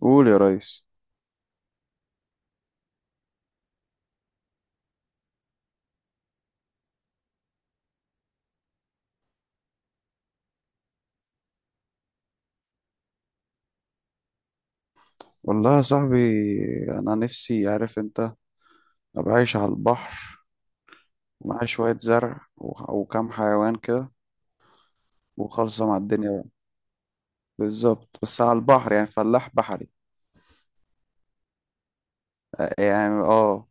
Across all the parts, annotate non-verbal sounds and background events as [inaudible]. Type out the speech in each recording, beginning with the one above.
قول يا ريس. والله يا صاحبي، انا نفسي، عارف انت، ابقى عايش على البحر، ومعايا شوية زرع و- وكام حيوان كده، وخالصة مع الدنيا بقى. بالظبط، بس على البحر يعني فلاح بحري. يعني اه.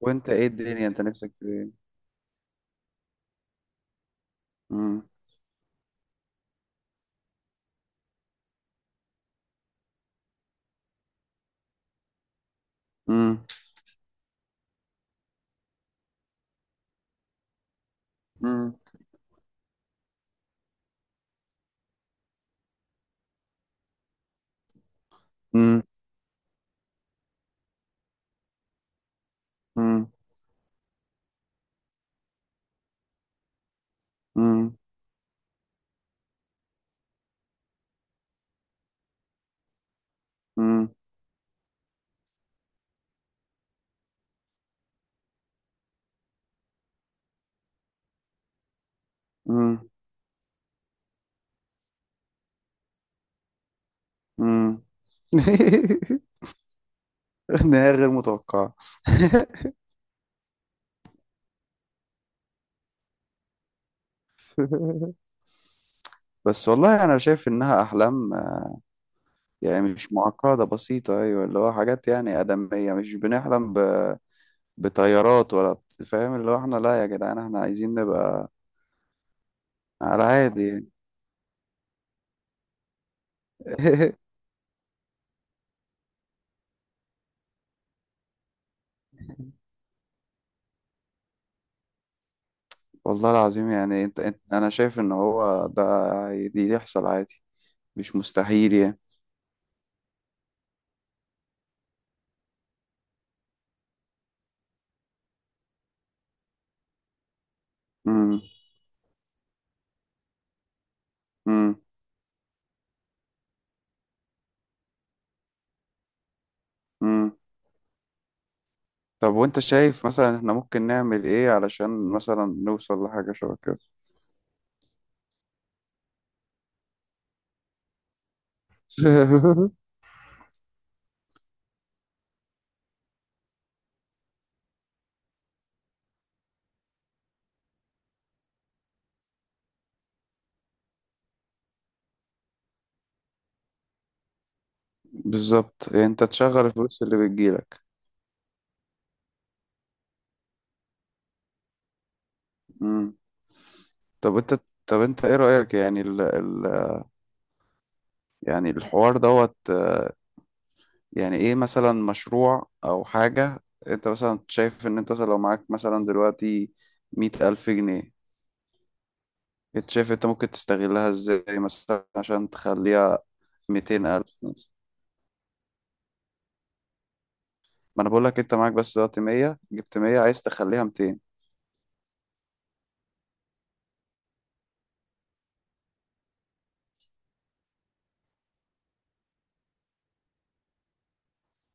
وانت ايه الدنيا، انت نفسك في ايه؟ مم، مم، مم، مم، مم، مم، مم، مم، مم. [laughs] نهاية غير متوقعة. [laughs] بس والله انا شايف انها احلام، يعني مش معقدة، بسيطة، أيوة، اللي هو حاجات يعني آدمية، مش بنحلم بطيارات ولا فاهم، اللي هو احنا لا يا جدعان، احنا عايزين نبقى على عادي يعني. [laughs] والله العظيم، يعني انت، أنا شايف إن هو ده، دي يحصل عادي، مش مستحيل يعني. مم. مم. مم. طب وأنت شايف مثلا احنا ممكن نعمل إيه علشان مثلا نوصل لحاجة شبه كده؟ [laughs] بالظبط، يعني أنت تشغل الفلوس اللي بتجيلك. طب انت طب انت ايه رأيك، يعني يعني الحوار دوت، يعني ايه مثلا مشروع او حاجة انت مثلا شايف ان انت مثلا لو معاك مثلا دلوقتي مية ألف جنيه، انت شايف انت ممكن تستغلها ازاي مثلا عشان تخليها ميتين ألف مثلا؟ ما انا بقول لك، انت معاك بس دلوقتي مية، جبت مية، عايز تخليها ميتين.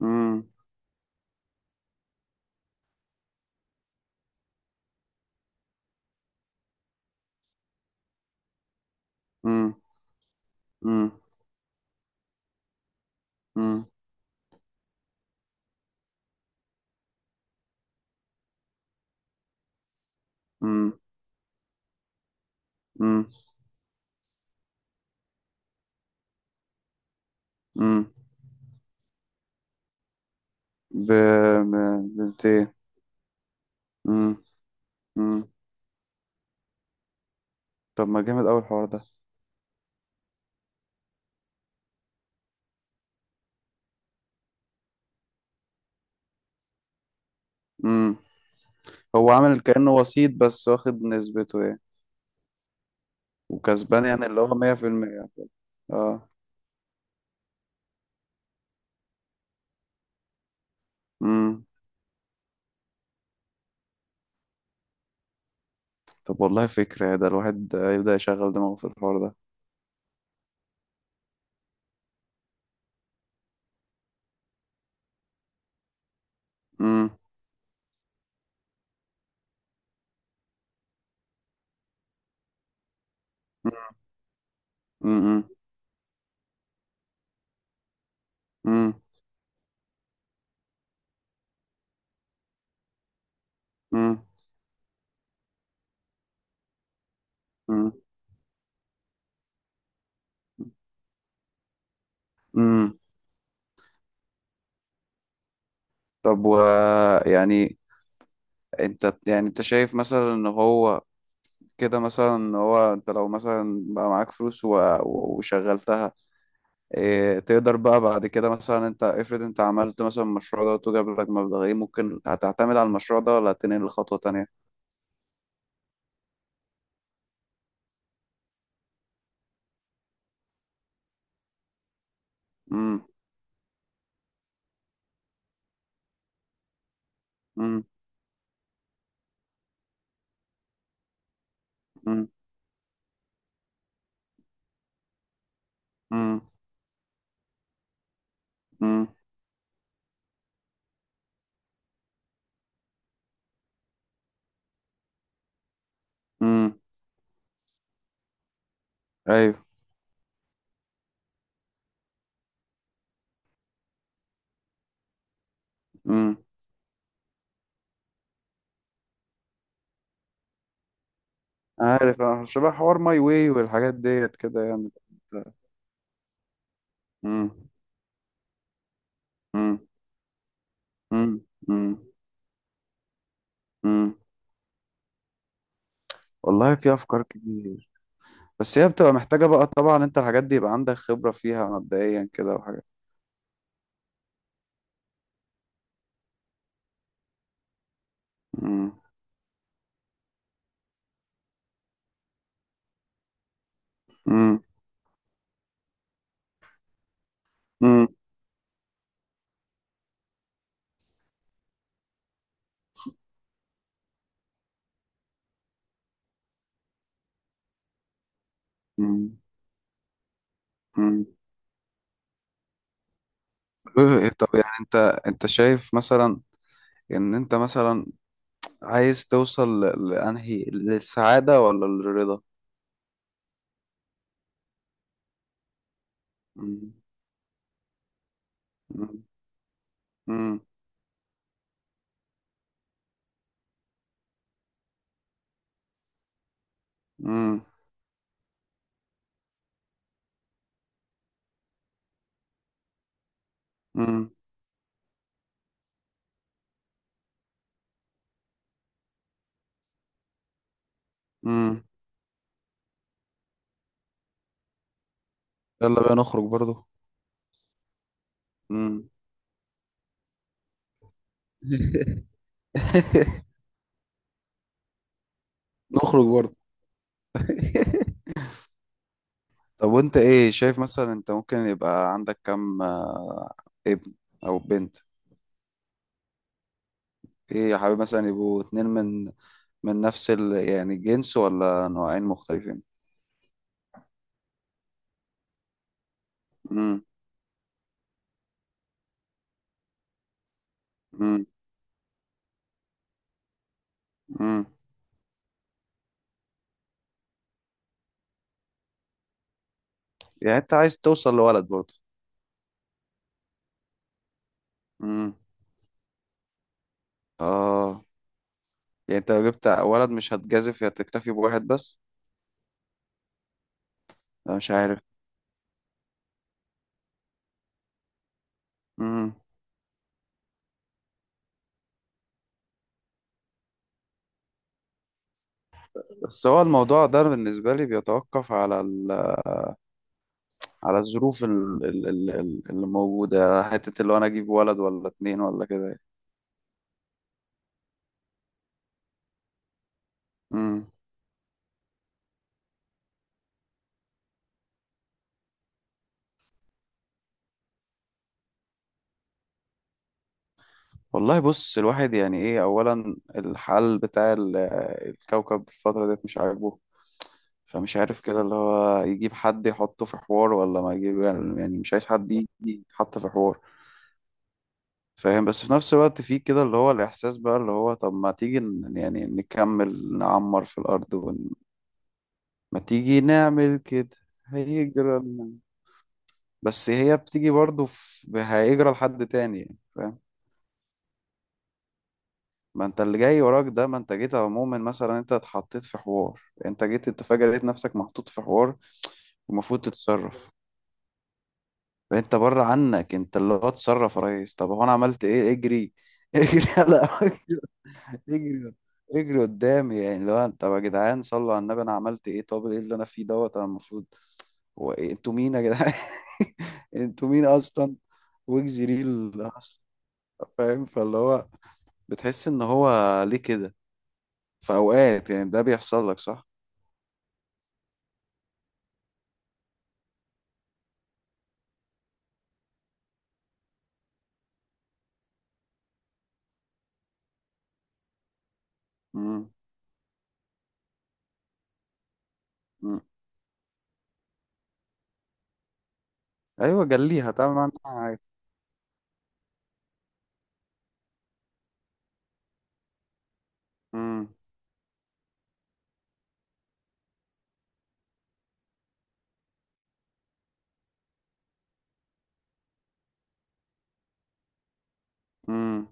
امم، امم، امم، امم، امم، امم، امم. ب ب- بميتين. امم، امم. طب ما جامد أوي الحوار ده. هو عامل كأنه وسيط بس، واخد نسبته يعني. وكسبان يعني، اللي هو مية في المية. اه. امم. طب والله فكرة، يا ده الواحد يبدأ يشغل دماغه في الحوار ده. امم، امم، امم، امم، امم، امم. طب و، يعني انت، يعني انت شايف مثلا ان هو كده، مثلا ان هو انت لو مثلا بقى معاك فلوس وشغلتها، تقدر بقى بعد كده مثلا، انت افرض انت عملت مثلا المشروع ده وجاب لك مبلغين، ممكن هتعتمد على المشروع ده ولا هتنقل لخطوة تانية؟ امم، امم، امم، امم، امم، امم. ايوه. امم. عارف شبه حوار ماي واي والحاجات ديت كده يعني. امم، امم، امم، امم، امم. والله في افكار كتير، بس هي بتبقى محتاجة بقى طبعا، انت الحاجات دي يبقى عندك خبرة فيها مبدئيا كده وحاجات. امم، امم، امم. طب يعني انت شايف مثلا ان انت مثلا عايز توصل لانهي، للسعادة ولا للرضا؟ مم. مم. مم. مم. مم. مم. يلا بقى نخرج برضو. مم. [laughs] نخرج برضو. [laughs] طب وانت ايه شايف، مثلا انت ممكن يبقى عندك كم ابن او بنت؟ ايه يا حبيبي، مثلا يبقوا اتنين من نفس يعني الجنس، ولا نوعين مختلفين؟ مم. مم. مم. يعني انت عايز توصل لولد برضه؟ امم. اه. يعني انت لو جبت ولد، مش هتجازف، هتكتفي بواحد بس؟ انا مش عارف. امم. بس هو الموضوع ده بالنسبة لي بيتوقف على على الظروف اللي موجودة على حتة، اللي هو أنا أجيب ولد ولا اتنين ولا كده. امم. والله، بص الواحد يعني إيه، أولا الحال بتاع الكوكب في الفترة ديت مش عاجبه. فمش عارف كده، اللي هو يجيب حد يحطه في حوار ولا ما يجيب، يعني مش عايز حد يجي يتحط في حوار. فاهم؟ بس في نفس الوقت في كده اللي هو الإحساس بقى، اللي هو طب ما تيجي يعني نكمل نعمر في الأرض ون... ما تيجي نعمل كده، هيجرى لنا. بس هي بتيجي برضه في... هيجرى لحد تاني يعني، فاهم؟ ما انت اللي جاي وراك ده، ما انت جيت عموما، مثلا انت اتحطيت في حوار، انت جيت، انت فجأة لقيت نفسك محطوط في حوار، المفروض تتصرف. فانت بره عنك، انت اللي هو اتصرف يا ريس. طب هو انا عملت ايه؟ اجري [laughs] اجري على يجري، يجري قدامي يعني؟ طب يا جدعان، صلوا على النبي، انا عملت ايه؟ طب ايه اللي انا فيه دوت؟ انا المفروض، هو انتوا مين يا جدعان؟ [laughs] انتوا مين اصلا؟ وجزيريل اصلا. فاهم، فاللي هو بتحس ان هو ليه كده؟ في اوقات يعني ده بيحصل لك صح؟ امم. ايوه، جليها تعمل معاها، عادي. امم.